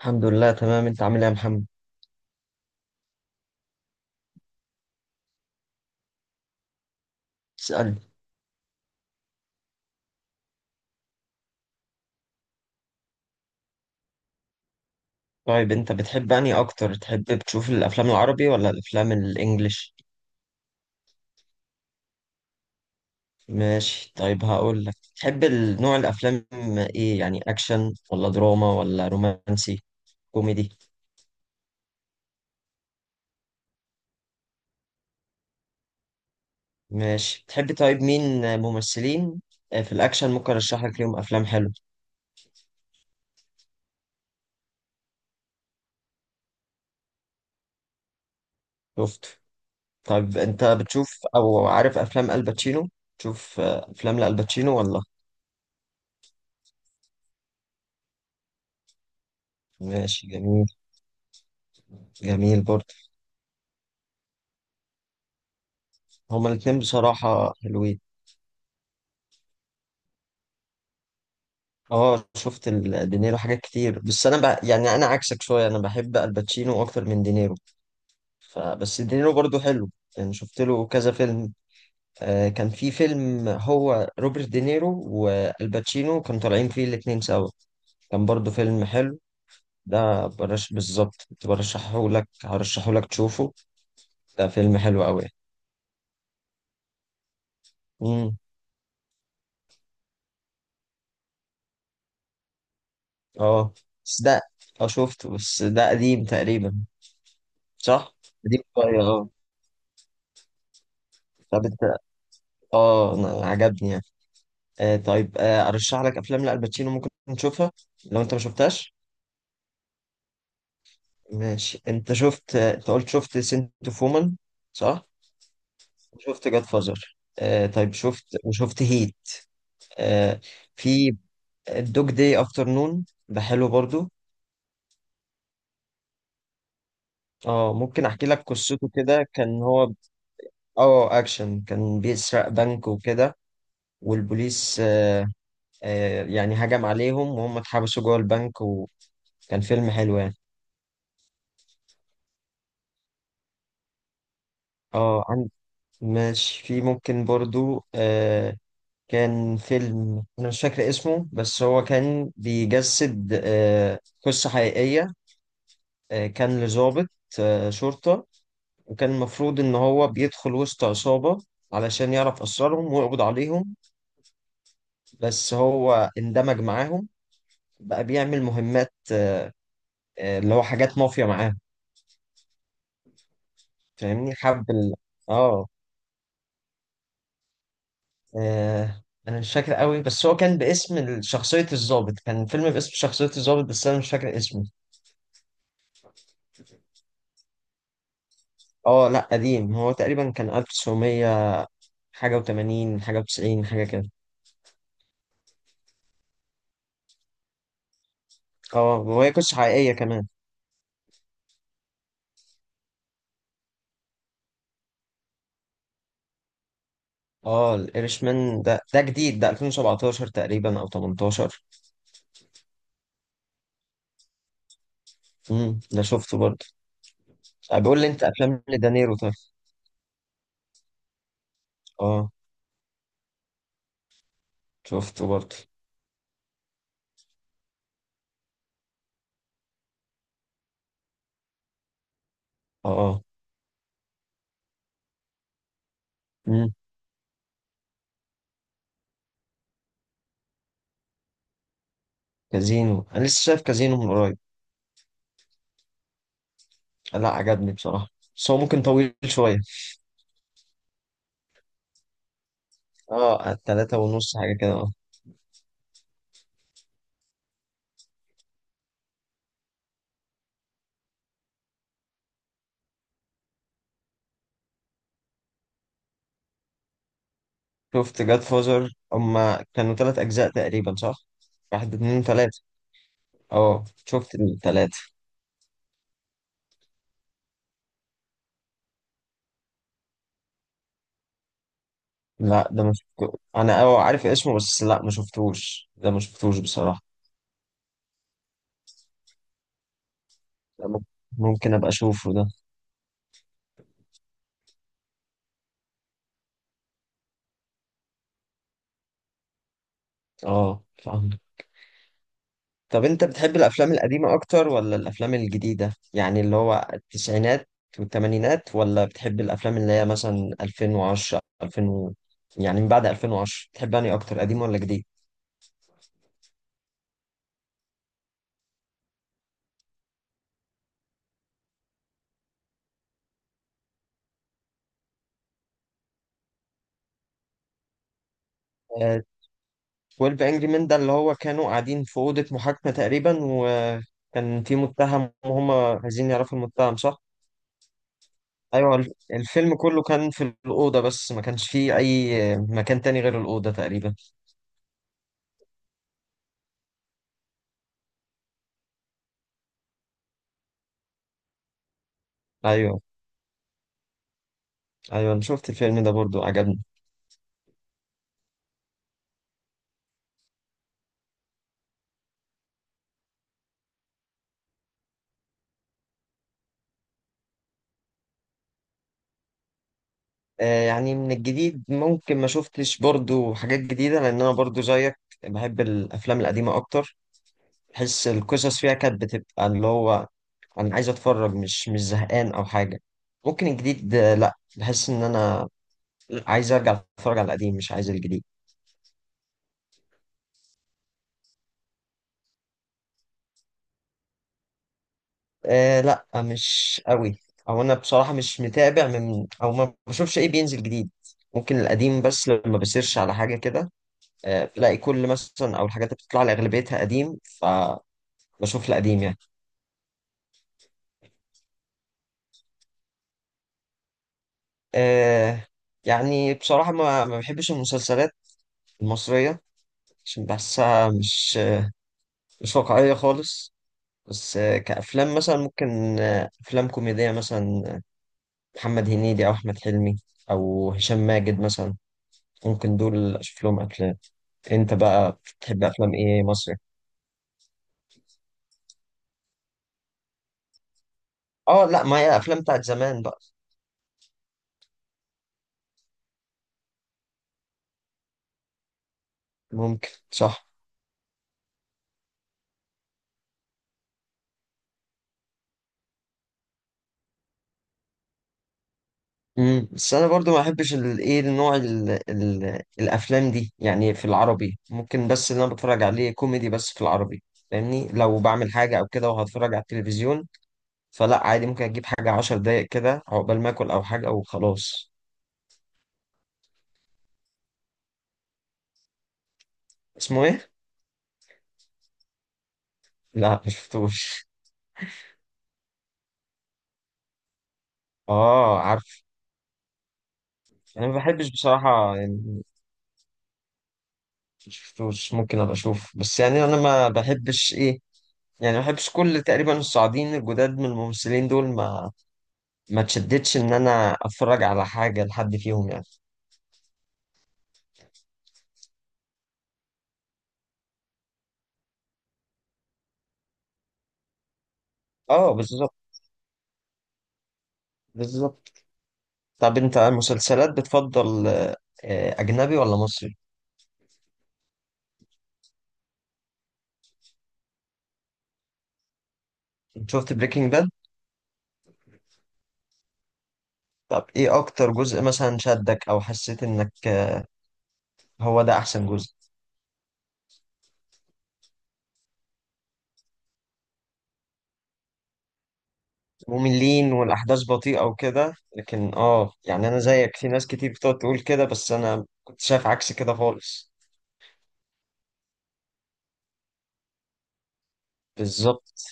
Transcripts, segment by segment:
الحمد لله تمام، انت عامل ايه يا محمد؟ اسألني. طيب انت بتحب انهي اكتر، تحب تشوف الافلام العربي ولا الافلام الانجليش؟ ماشي، طيب هقول لك. تحب نوع الافلام ايه؟ يعني اكشن ولا دراما ولا رومانسي كوميدي؟ ماشي، تحب طيب مين ممثلين؟ في الاكشن ممكن ارشح لك ليهم افلام حلوه. شفته؟ طيب انت بتشوف او عارف افلام الباتشينو؟ تشوف افلام لالباتشينو ولا؟ ماشي، جميل. جميل برضه. هما الاتنين بصراحة حلوين. اه شفت دينيرو حاجات كتير، بس انا يعني انا عكسك شويه، انا بحب الباتشينو اكتر من دينيرو. فبس دينيرو برضو حلو، يعني شفت له كذا فيلم. كان في فيلم هو روبرت دينيرو والباتشينو كانوا طالعين فيه الاتنين سوا، كان برضو فيلم حلو. ده برش بالظبط كنت برشحه لك، هرشحه لك تشوفه، ده فيلم حلو قوي. امم اه بس ده، اه شفته بس ده قديم تقريبا. صح، قديم شويه اه. طب انت، اه أنا عجبني. طيب ارشح لك افلام لالباتشينو، ممكن تشوفها لو انت ما شفتهاش. ماشي، انت شفت انت قلت شفت سنت اوف وومن صح، وشفت جاد فازر، طيب شفت، وشفت هيت. آه في الدوج داي افتر نون ده حلو برضو. اه ممكن احكي لك قصته كده. كان هو، اه اكشن، كان بيسرق بنك وكده، والبوليس يعني هجم عليهم، وهم اتحبسوا جوه البنك، وكان فيلم حلو يعني. اه ماشي. في ممكن برضو، كان فيلم أنا مش فاكر اسمه، بس هو كان بيجسد قصة حقيقية. كان لضابط شرطة، وكان المفروض إن هو بيدخل وسط عصابة علشان يعرف أسرارهم ويقبض عليهم، بس هو اندمج معاهم، بقى بيعمل مهمات اللي هو حاجات مافيا معاهم. فاهمني حب اه، انا مش فاكر قوي، بس هو كان باسم شخصية الضابط، كان فيلم باسم شخصية الضابط، بس انا مش فاكر اسمه. اه لا قديم، هو تقريبا كان 1900 حاجة و80 حاجة و90 حاجة كده. اه وهي قصة حقيقية كمان. اه الإيرشمان ده جديد، ده 2017 تقريبا او 18. ده شفته برضه. بيقول لي انت افلام لدانيرو طيب. اه شفته برضه. اه. امم، كازينو انا لسه شايف كازينو من قريب. لا عجبني بصراحة، بس هو ممكن طويل شوية. اه تلاتة ونص حاجة كده اه. شفت جاد فازر، هما كانوا تلات أجزاء تقريبا صح؟ واحد اتنين تلاتة. اه شفت التلاتة. لا ده ما شفته أنا، اه عارف اسمه بس لا ما شفتوش، ده ما شفتوش بصراحة. ده ممكن أبقى أشوفه ده. اه فاهم. طب أنت بتحب الأفلام القديمة أكتر ولا الأفلام الجديدة؟ يعني اللي هو التسعينات والتمانينات، ولا بتحب الأفلام اللي هي مثلا 2010 2000 يعني من بعد 2010 بتحب أنهي أكتر، قديم ولا جديد؟ 12 انجري مان ده اللي هو كانوا قاعدين في اوضه محاكمه تقريبا، وكان في متهم وهم عايزين يعرفوا المتهم، صح. ايوه الفيلم كله كان في الاوضه، بس ما كانش فيه اي مكان تاني غير الاوضه تقريبا. ايوه، ايوه انا شفت الفيلم ده برضو، عجبني. يعني من الجديد ممكن ما شفتش برضو حاجات جديده، لان انا برضو زيك بحب الافلام القديمه اكتر. بحس القصص فيها كانت بتبقى اللي هو، انا عايز اتفرج مش زهقان او حاجه. ممكن الجديد لا بحس ان انا عايز ارجع اتفرج على القديم، مش عايز الجديد. لا مش قوي. او انا بصراحه مش متابع، من او ما بشوفش ايه بينزل جديد. ممكن القديم بس، لما بسيرش على حاجه كده بلاقي كل مثلا او الحاجات اللي بتطلع لي اغلبيتها قديم، فبشوف القديم يعني. آه يعني بصراحه ما بحبش المسلسلات المصريه، عشان بحسها مش واقعيه خالص. بس كأفلام مثلا ممكن، أفلام كوميدية مثلا محمد هنيدي او احمد حلمي او هشام ماجد مثلا، ممكن دول اشوف لهم افلام. انت بقى بتحب افلام ايه مصري؟ اه لا، ما هي الافلام بتاعت زمان بقى. ممكن، صح. بس انا برضو ما احبش الايه النوع ال الافلام دي يعني، في العربي ممكن، بس اللي انا بتفرج عليه كوميدي بس في العربي. فاهمني لو بعمل حاجه او كده وهتفرج على التلفزيون، فلا عادي ممكن اجيب حاجه عشر دقايق كده عقبال ما اكل او حاجه وخلاص. اسمه ايه؟ لا مشفتوش. اه عارف. انا ما بحبش بصراحه يعني، شفتوش ممكن ابقى اشوف، بس يعني انا ما بحبش ايه، يعني ما بحبش كل تقريبا الصاعدين الجداد من الممثلين دول، ما اتشدتش ان انا اتفرج على حاجه لحد فيهم يعني. اه بالظبط، بالظبط. طب انت المسلسلات بتفضل اجنبي ولا مصري؟ شفت بريكنج باد؟ طب ايه اكتر جزء مثلا شدك او حسيت انك هو ده احسن جزء؟ مملين والاحداث بطيئه وكده، لكن اه يعني انا زيك، في ناس كتير بتقعد تقول كده، بس انا كنت شايف عكس كده خالص. بالظبط،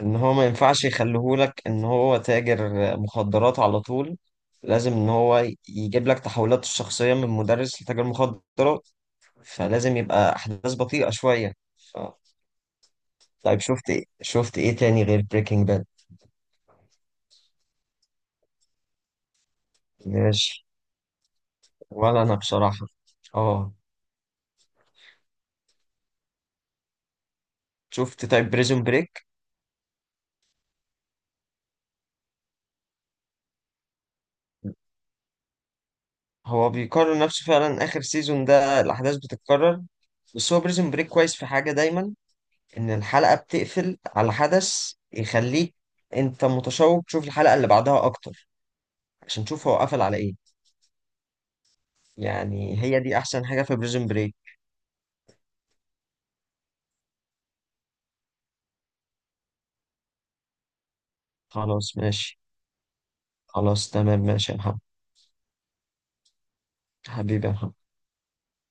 ان هو ما ينفعش يخليهولك ان هو تاجر مخدرات على طول، لازم ان هو يجيب لك تحولاته الشخصيه من مدرس لتاجر مخدرات، فلازم يبقى احداث بطيئه شويه. ف... طيب شفت ايه، شفت ايه تاني غير بريكنج باد؟ ماشي. ولا انا بصراحه، اه. شفت طيب بريزون بريك؟ هو بيقارن نفسه فعلا، اخر سيزون ده الاحداث بتتكرر، بس هو بريزون بريك كويس في حاجه دايما، ان الحلقه بتقفل على حدث يخليك انت متشوق تشوف الحلقه اللي بعدها اكتر، عشان تشوف هو قفل على ايه. يعني هي دي احسن حاجه في بريزون بريك. خلاص ماشي. خلاص تمام، ماشي يا محمد. حبيبي يا محمد.